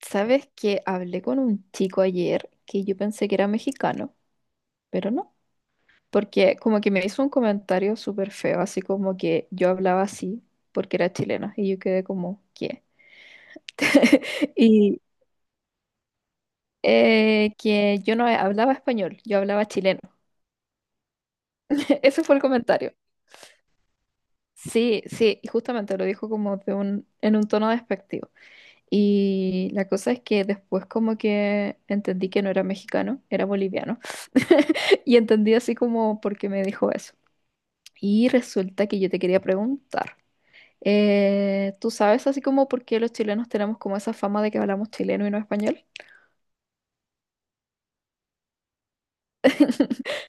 ¿Sabes que hablé con un chico ayer que yo pensé que era mexicano, pero no? Porque como que me hizo un comentario súper feo, así como que yo hablaba así porque era chilena y yo quedé como, ¿qué? Y que yo no hablaba español, yo hablaba chileno. Ese fue el comentario. Sí, sí, y justamente lo dijo como en un tono despectivo. Y la cosa es que después como que entendí que no era mexicano, era boliviano. Y entendí así como por qué me dijo eso. Y resulta que yo te quería preguntar, ¿tú sabes así como por qué los chilenos tenemos como esa fama de que hablamos chileno y no español?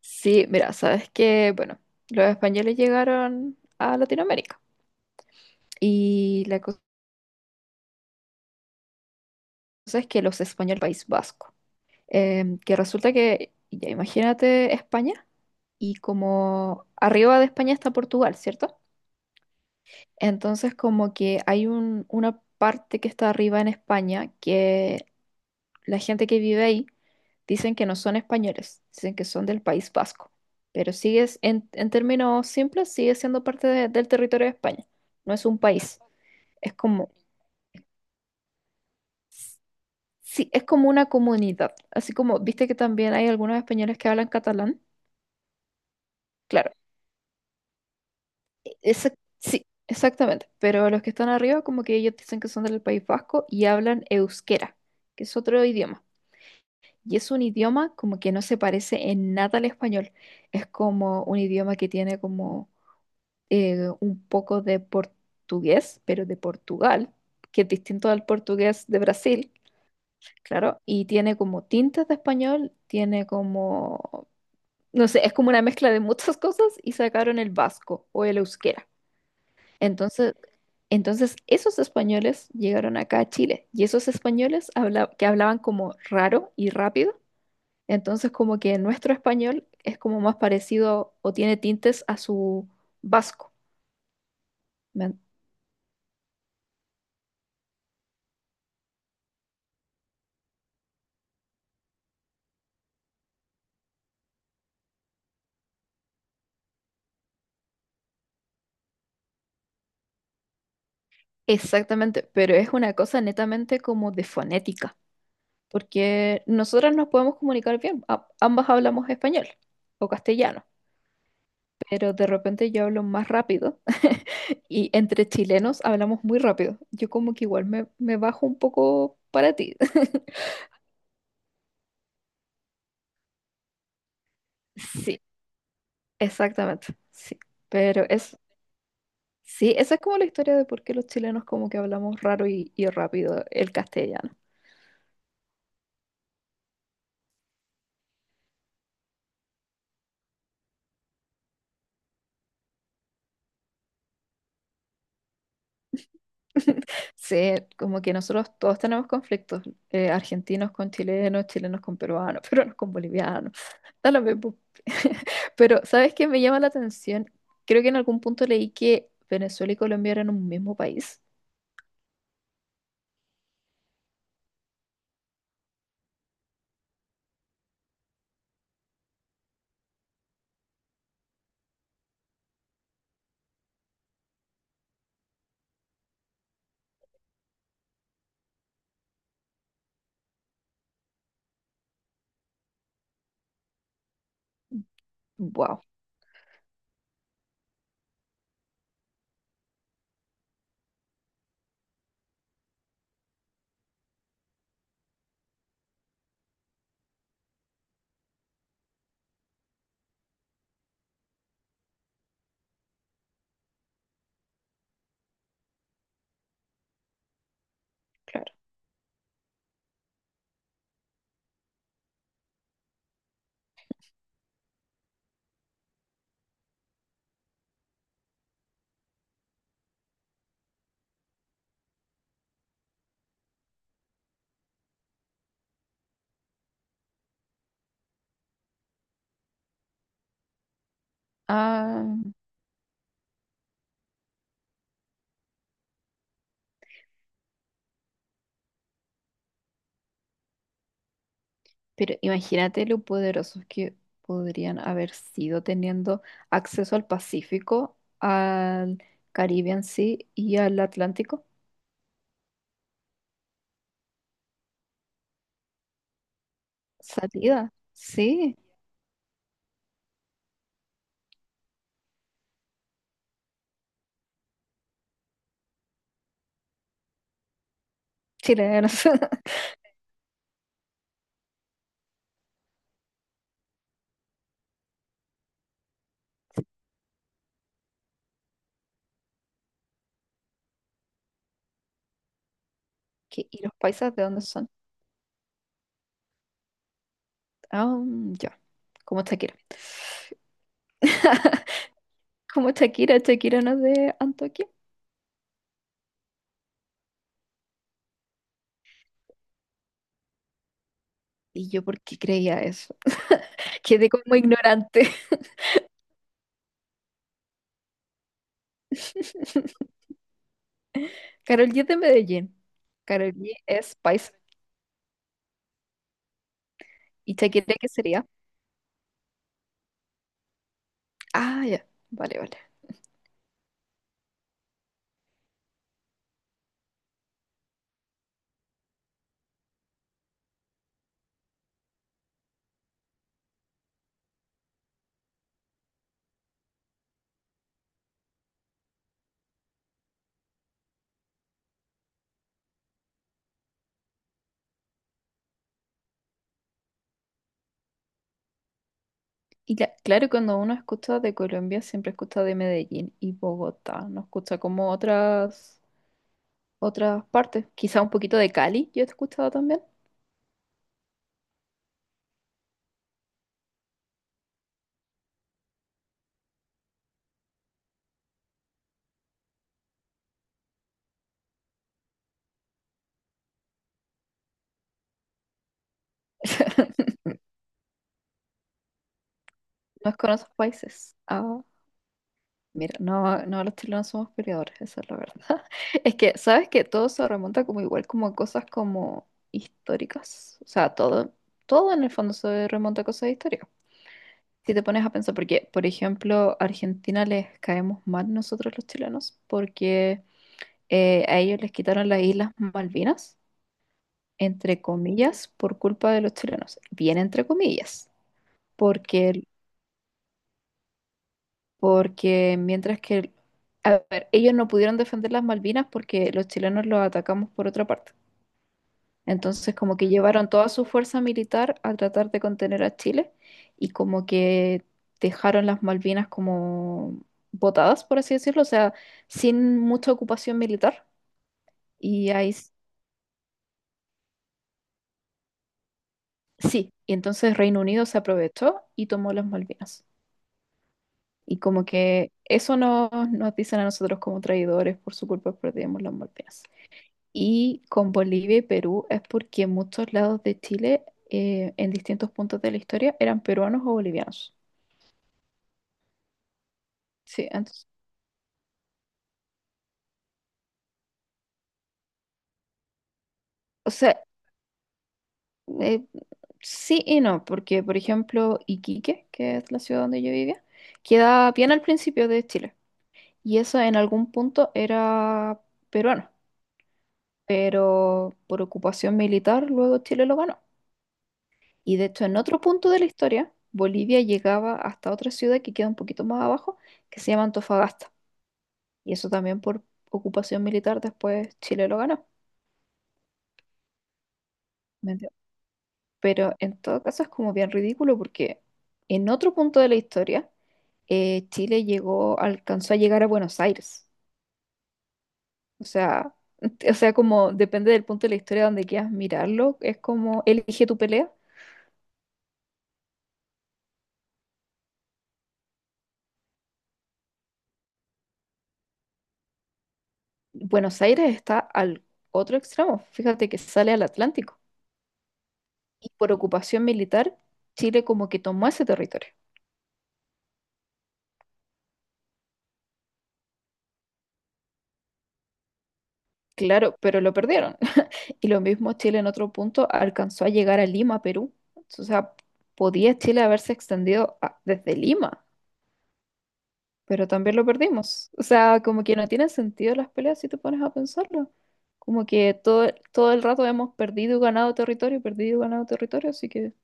Sí, mira, sabes que, bueno, los españoles llegaron a Latinoamérica y la cosa es que los españoles, País Vasco, que resulta que, ya imagínate España, y como arriba de España está Portugal, ¿cierto? Entonces como que hay una parte que está arriba en España, que la gente que vive ahí dicen que no son españoles, dicen que son del País Vasco, pero sigue, en términos simples, sigue siendo parte del territorio de España, no es un país, es como, sí, es como una comunidad, así como, viste que también hay algunos españoles que hablan catalán, claro. Esa- sí, exactamente. Pero los que están arriba, como que ellos dicen que son del País Vasco y hablan euskera, que es otro idioma. Y es un idioma como que no se parece en nada al español. Es como un idioma que tiene como un poco de portugués, pero de Portugal, que es distinto al portugués de Brasil, claro. Y tiene como tintas de español, tiene como, no sé, es como una mezcla de muchas cosas y sacaron el vasco o el euskera. Entonces, entonces esos españoles llegaron acá a Chile y esos españoles que hablaban como raro y rápido, entonces como que nuestro español es como más parecido o tiene tintes a su vasco. ¿me en- Exactamente, pero es una cosa netamente como de fonética, porque nosotras nos podemos comunicar bien, ambas hablamos español o castellano. Pero de repente yo hablo más rápido y entre chilenos hablamos muy rápido. Yo como que igual me bajo un poco para ti. Sí, exactamente, sí. Pero es, sí, esa es como la historia de por qué los chilenos como que hablamos raro y rápido el castellano. Sí, como que nosotros todos tenemos conflictos, argentinos con chilenos, chilenos con peruanos, peruanos con bolivianos, da lo mismo. Pero, ¿sabes qué me llama la atención? Creo que en algún punto leí que Venezuela y Colombia eran un mismo país. Wow, claro. Ah, pero imagínate lo poderosos que podrían haber sido teniendo acceso al Pacífico, al Caribe en sí y al Atlántico. Salida, sí, chilenos. ¿Qué- ¿Y los paisas de dónde son? Ah, mm, ya, como Shakira. Como Shakira, Shakira no es de Antoquia. ¿Y yo por qué creía eso? Quedé como ignorante. Karol G es de Medellín. Karol G es paisa. ¿Y Shakira qué sería? Ah, ya, vale, vale. Claro, cuando uno escucha de Colombia, siempre escucha de Medellín y Bogotá. No escucha como otras, otras partes. Quizá un poquito de Cali, yo he escuchado también. No es con otros países. Ah. Mira, no, no, los chilenos somos peleadores, esa es la verdad. Es que, ¿sabes que todo se remonta como igual, como a cosas como históricas? O sea, todo, todo en el fondo se remonta a cosas históricas. Si te pones a pensar, porque, por ejemplo, a Argentina les caemos mal nosotros los chilenos, porque a ellos les quitaron las Islas Malvinas, entre comillas, por culpa de los chilenos. Bien entre comillas, porque porque mientras que, a ver, ellos no pudieron defender las Malvinas porque los chilenos los atacamos por otra parte. Entonces, como que llevaron toda su fuerza militar a tratar de contener a Chile y como que dejaron las Malvinas como botadas, por así decirlo, o sea, sin mucha ocupación militar. Y ahí s- sí, y entonces Reino Unido se aprovechó y tomó las Malvinas. Y como que eso nos dicen a nosotros como traidores, por su culpa perdimos las Malvinas. Y con Bolivia y Perú es porque muchos lados de Chile, en distintos puntos de la historia, eran peruanos o bolivianos. Sí, entonces, o sea, eh, sí y no, porque por ejemplo, Iquique, que es la ciudad donde yo vivía, queda bien al principio de Chile. Y eso en algún punto era peruano, pero por ocupación militar luego Chile lo ganó. Y de hecho, en otro punto de la historia, Bolivia llegaba hasta otra ciudad que queda un poquito más abajo, que se llama Antofagasta. Y eso también por ocupación militar después Chile lo ganó. ¿Me entiendes? Pero en todo caso es como bien ridículo porque en otro punto de la historia Chile llegó, alcanzó a llegar a Buenos Aires. O sea, o sea, como depende del punto de la historia donde quieras mirarlo, es como elige tu pelea. Buenos Aires está al otro extremo, fíjate que sale al Atlántico. Y por ocupación militar, Chile como que tomó ese territorio. Claro, pero lo perdieron. Y lo mismo Chile en otro punto alcanzó a llegar a Lima, Perú. O sea, podía Chile haberse extendido desde Lima, pero también lo perdimos. O sea, como que no tienen sentido las peleas si te pones a pensarlo. Como que todo, todo el rato hemos perdido y ganado territorio, perdido y ganado territorio, así que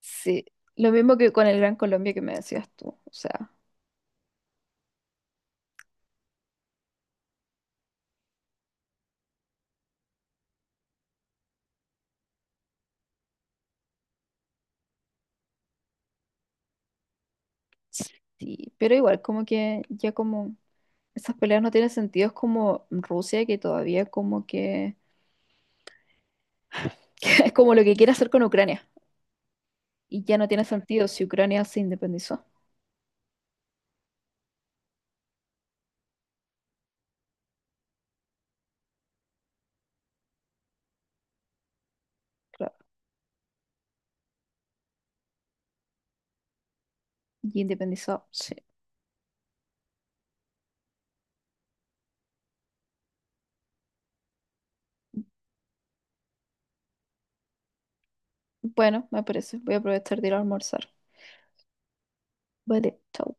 sí. Lo mismo que con el Gran Colombia que me decías tú. O sea, sí. Pero igual, como que ya como esas peleas no tienen sentido. Es como Rusia que todavía como que es como lo que quiere hacer con Ucrania. Y ya no tiene sentido si Ucrania se independizó. Claro. Y independizó, sí. Bueno, me parece. Voy a aprovechar de ir a almorzar. Vale, chao.